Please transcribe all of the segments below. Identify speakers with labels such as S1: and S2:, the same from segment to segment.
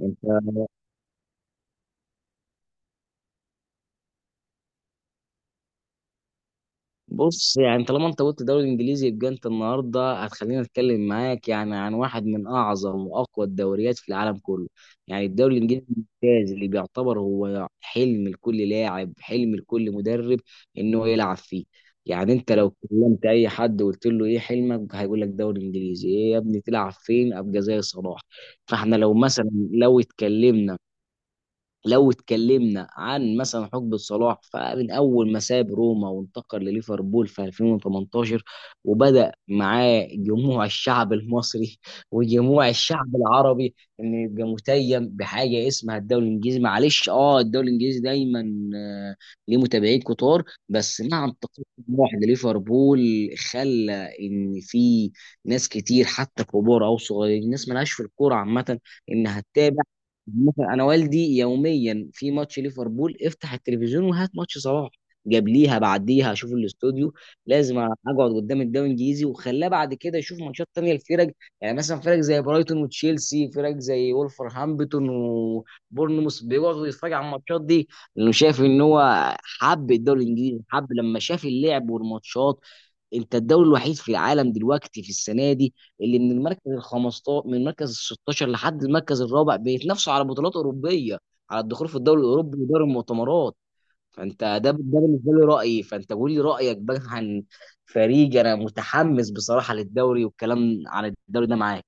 S1: انت بص يعني طالما انت قلت دوري انجليزي يبقى انت النهارده هتخليني اتكلم معاك يعني عن واحد من اعظم واقوى الدوريات في العالم كله. يعني الدوري الانجليزي الممتاز اللي بيعتبر هو حلم لكل لاعب، حلم لكل مدرب انه يلعب فيه. يعني انت لو كلمت اي حد وقلت له ايه حلمك هيقول لك دوري انجليزي، ايه يا ابني تلعب فين، ابقى زي صلاح. فاحنا لو مثلا لو اتكلمنا عن مثلا حقبة صلاح، فمن أول ما ساب روما وانتقل لليفربول في 2018 وبدأ معاه جموع الشعب المصري وجموع الشعب العربي إنه يبقى متيم بحاجة اسمها الدوري الإنجليزي. معلش، أه الدوري الإنجليزي دايما آه، ليه متابعين كتار، بس مع انتقال جموع لليفربول خلى إن في ناس كتير، حتى كبار أو صغيرين، ناس ملهاش في الكورة عامة إنها تتابع. مثلا انا والدي يوميا في ماتش ليفربول افتح التلفزيون وهات ماتش صلاح، جابليها بعديها اشوف الاستوديو، لازم اقعد قدام الدوري الانجليزي. وخلاه بعد كده يشوف ماتشات تانية الفرق، يعني مثلا فرق زي برايتون وتشيلسي، فرق زي وولفرهامبتون وبورنموث، بيقعدوا يتفرج على الماتشات دي لانه شايف ان هو حب الدوري الانجليزي، حب لما شاف اللعب والماتشات. انت الدوري الوحيد في العالم دلوقتي في السنه دي اللي من المركز ال 15 من المركز ال 16 لحد المركز الرابع بيتنافسوا على بطولات اوروبيه، على الدخول في الدوري الاوروبي ودوري المؤتمرات. فانت ده بالنسبه لي رايي، فانت قول لي رايك بقى عن فريق. انا متحمس بصراحه للدوري والكلام عن الدوري ده معاك.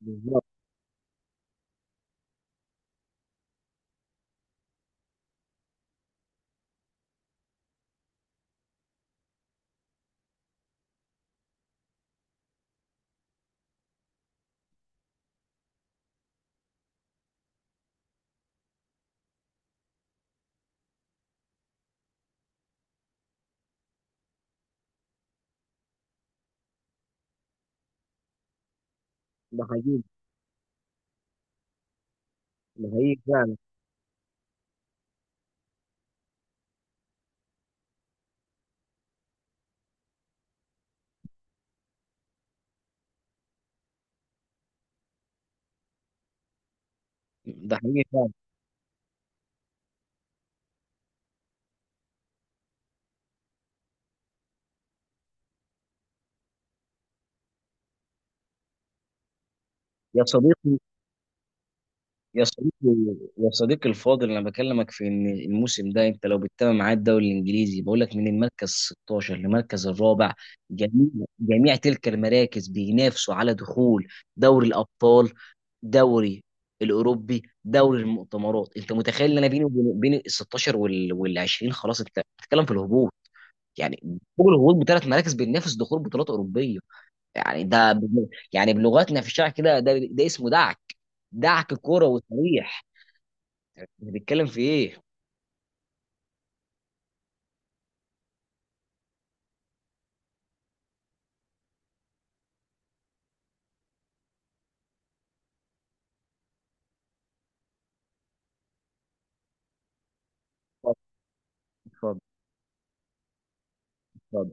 S1: بالظبط. ده حقيقي. ده حقيقي فعلا. ده حقيقي فعلا. يا صديقي، يا صديقي يا صديقي الفاضل، انا بكلمك في ان الموسم ده انت لو بتتابع معايا الدوري الانجليزي، بقول لك من المركز 16 لمركز الرابع جميع جميع تلك المراكز بينافسوا على دخول دوري الابطال، دوري الاوروبي، دوري المؤتمرات. انت متخيل ان انا بيني وبين ال 16 وال 20 خلاص انت بتتكلم في الهبوط. يعني فوق الهبوط بثلاث مراكز بينافس دخول بطولات اوروبيه. يعني ده، يعني بلغتنا في الشارع كده ده اسمه دعك، دعك كوره وتاريخ. بنتكلم في ايه؟ اتفضل. اتفضل. اتفضل.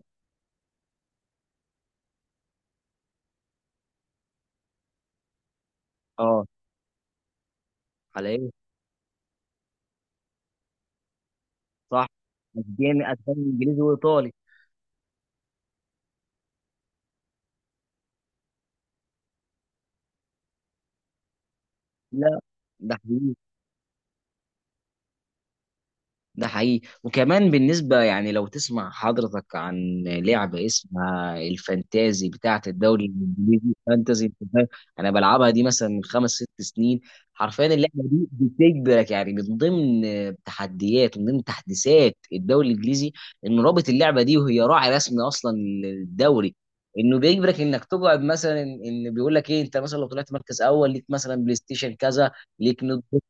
S1: اه. على ايه؟ صح. اسباني، اسباني، انجليزي وايطالي. لا، ده حقيقي. ده حقيقي وكمان بالنسبة، يعني لو تسمع حضرتك عن لعبة اسمها الفانتازي بتاعة الدوري الإنجليزي، فانتازي، أنت فاهم؟ أنا بلعبها دي مثلا من خمس ست سنين. حرفيا اللعبة دي بتجبرك، يعني من ضمن تحديات ومن ضمن تحديثات الدوري الإنجليزي إنه رابط اللعبة دي وهي راعي رسمي أصلا للدوري، انه بيجبرك انك تقعد مثلا إن بيقول لك ايه، انت مثلا لو طلعت مركز اول ليك مثلا بلاي ستيشن كذا، ليك نوت بوك،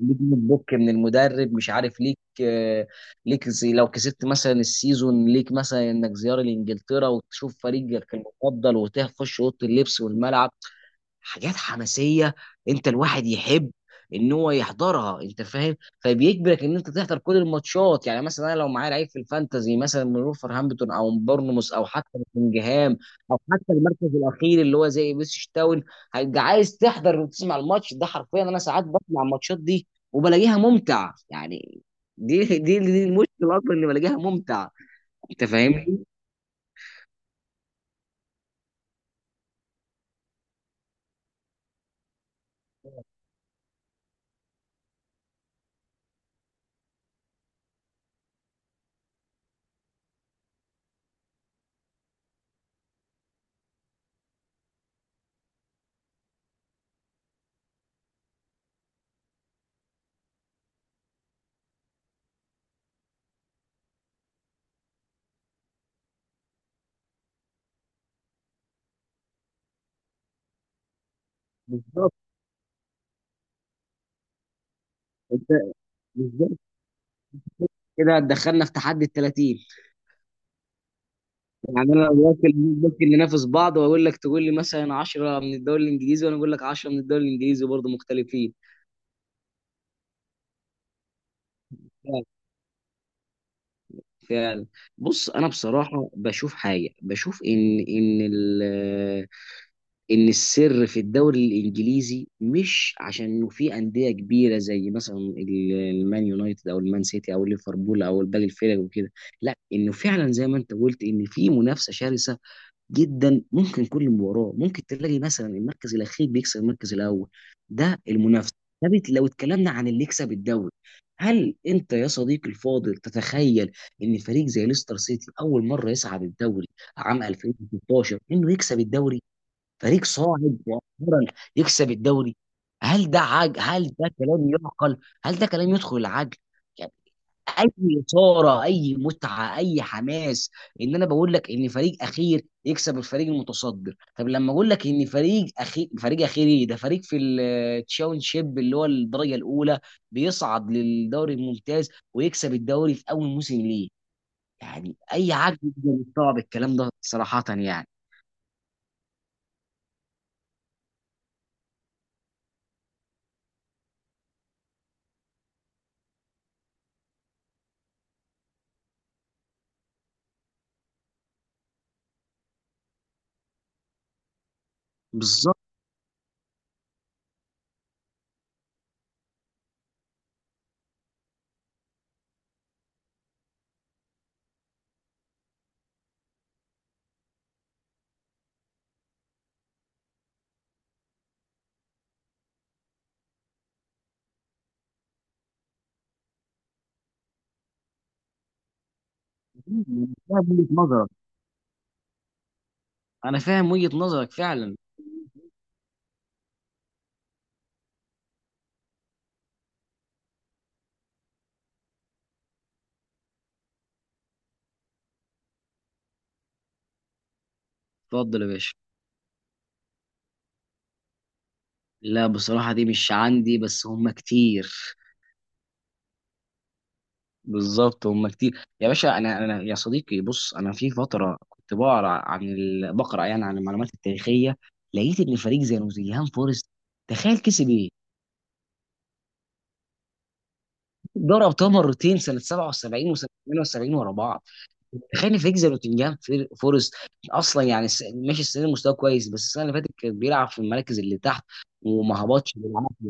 S1: من المدرب مش عارف ليه آه، ليك، زي لو كسبت مثلا السيزون ليك مثلا انك زياره لانجلترا وتشوف فريقك المفضل وتخش اوضه اللبس والملعب. حاجات حماسيه انت الواحد يحب ان هو يحضرها، انت فاهم؟ فبيجبرك ان انت تحضر كل الماتشات. يعني مثلا انا لو معايا لعيب في الفانتازي مثلا من ولفرهامبتون او من بورنموث او حتى من نوتنجهام او حتى المركز الاخير اللي هو زي بيسش تاون، هيبقى عايز تحضر وتسمع الماتش ده. حرفيا انا ساعات بسمع الماتشات دي وبلاقيها ممتع يعني. دي المشكله اصلا اني بلاقيها ممتع. انت فاهمني؟ بالظبط. انت بالظبط كده دخلنا في تحدي ال 30. يعني انا ممكن ننافس بعض واقول لك تقول لي مثلا 10 من الدوري الانجليزي وانا اقول لك 10 من الدوري الانجليزي برضه مختلفين. فعلا. فعلا. بص انا بصراحه بشوف حاجه، بشوف ان السر في الدوري الانجليزي مش عشان انه في انديه كبيره زي مثلا المان يونايتد او المان سيتي او ليفربول او باقي الفرق وكده، لا، انه فعلا زي ما انت قلت ان في منافسه شرسه جدا، ممكن كل مباراه ممكن تلاقي مثلا المركز الاخير بيكسب المركز الاول، ده المنافسه. طب لو اتكلمنا عن اللي يكسب الدوري، هل انت يا صديقي الفاضل تتخيل ان فريق زي ليستر سيتي اول مره يصعد الدوري عام 2016 انه يكسب الدوري؟ فريق صاعد مؤخرا يكسب الدوري. هل ده كلام يعقل؟ هل ده كلام يدخل العقل يعني؟ اي اثاره، اي متعه، اي حماس، ان انا بقول لك ان فريق اخير يكسب الفريق المتصدر. طب لما اقول لك ان فريق اخير، فريق اخير ايه ده، فريق في التشاونشيب اللي هو الدرجه الاولى بيصعد للدوري الممتاز ويكسب الدوري في اول موسم ليه، يعني اي عقل يقدر يستوعب الكلام ده صراحه يعني؟ بالظبط. أنا فاهم وجهه نظرك. انا فاهم وجهه نظرك فعلا. اتفضل يا باشا. لا بصراحه دي مش عندي، بس هم كتير. بالظبط هم كتير يا باشا. انا يا صديقي، بص انا في فتره كنت بقرا عن بقرا يعني عن المعلومات التاريخيه، لقيت ان فريق زي نوتنجهام فورست تخيل كسب ايه؟ دوري ابطال مرتين، سنه 77 وسنه 78 ورا بعض. تخيل ان فريق زي نوتنجهام فورست اصلا، يعني ماشي السنه دي مستواه كويس، بس السنه اللي فاتت كان بيلعب في المراكز اللي تحت وما هبطش بالعافيه،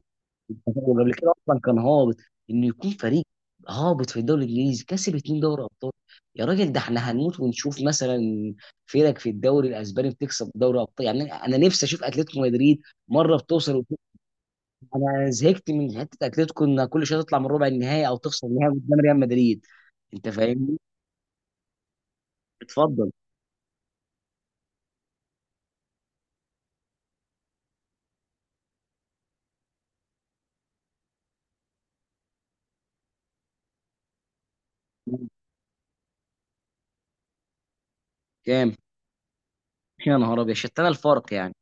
S1: وقبل كده اصلا كان هابط. انه يكون فريق هابط في الدوري الانجليزي كسب اتنين دوري ابطال! يا راجل ده احنا هنموت ونشوف مثلا فرق في الدوري الاسباني بتكسب دوري ابطال. يعني انا نفسي اشوف اتلتيكو مدريد مره بتوصل وبتكسب. انا زهقت من حته اتلتيكو انها كل شويه تطلع من ربع النهائي او تخسر النهائي قدام ريال مدريد. انت فاهمني؟ اتفضل. كام؟ يا نهار ابيض، شتان الفرق يعني.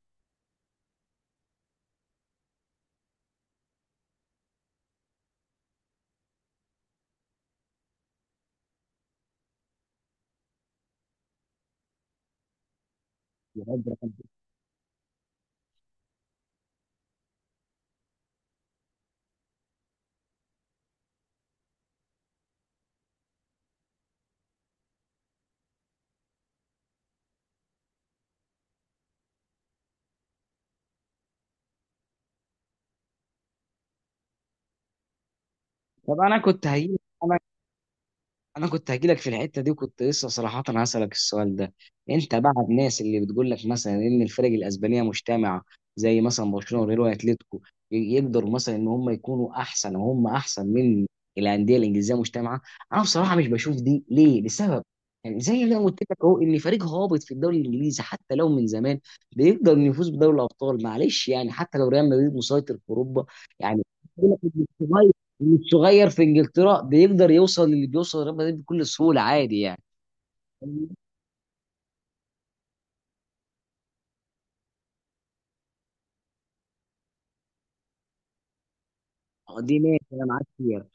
S1: طب انا كنت هجيب، انا كنت هجيلك في الحته دي وكنت لسه صراحه هسألك السؤال ده. انت بقى الناس اللي بتقول لك مثلا ان الفرق الاسبانيه مجتمعه زي مثلا برشلونه وريال واتليتيكو يقدروا مثلا ان هم يكونوا احسن، وهم احسن من الانديه الانجليزيه مجتمعه. انا بصراحه مش بشوف دي ليه، لسبب، يعني زي ما أنا قلت لك اهو ان فريق هابط في الدوري الانجليزي حتى لو من زمان بيقدر إنه يفوز بدوري الابطال، معلش يعني حتى لو ريال مدريد مسيطر في اوروبا. يعني والصغير في انجلترا بيقدر يوصل للي بيوصل ريال مدريد بكل سهوله، عادي يعني. دي ماشي انا معاك فيها.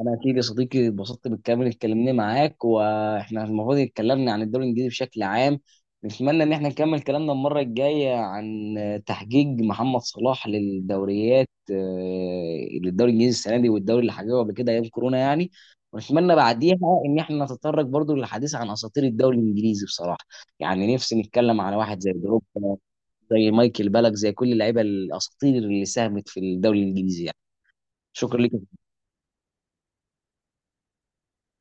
S1: انا اكيد يا صديقي اتبسطت بالكلام اللي اتكلمناه معاك، واحنا المفروض اتكلمنا عن الدوري الانجليزي بشكل عام. نتمنى ان احنا نكمل كلامنا المره الجايه عن تحقيق محمد صلاح للدوريات، للدوري الانجليزي السنه دي، والدوري اللي حققه قبل كده ايام كورونا يعني. ونتمنى بعديها ان احنا نتطرق برضو للحديث عن اساطير الدوري الانجليزي بصراحه. يعني نفسي نتكلم على واحد زي دروب، زي مايكل بالك، زي كل اللعيبه الاساطير اللي ساهمت في الدوري الانجليزي يعني. شكرا لك.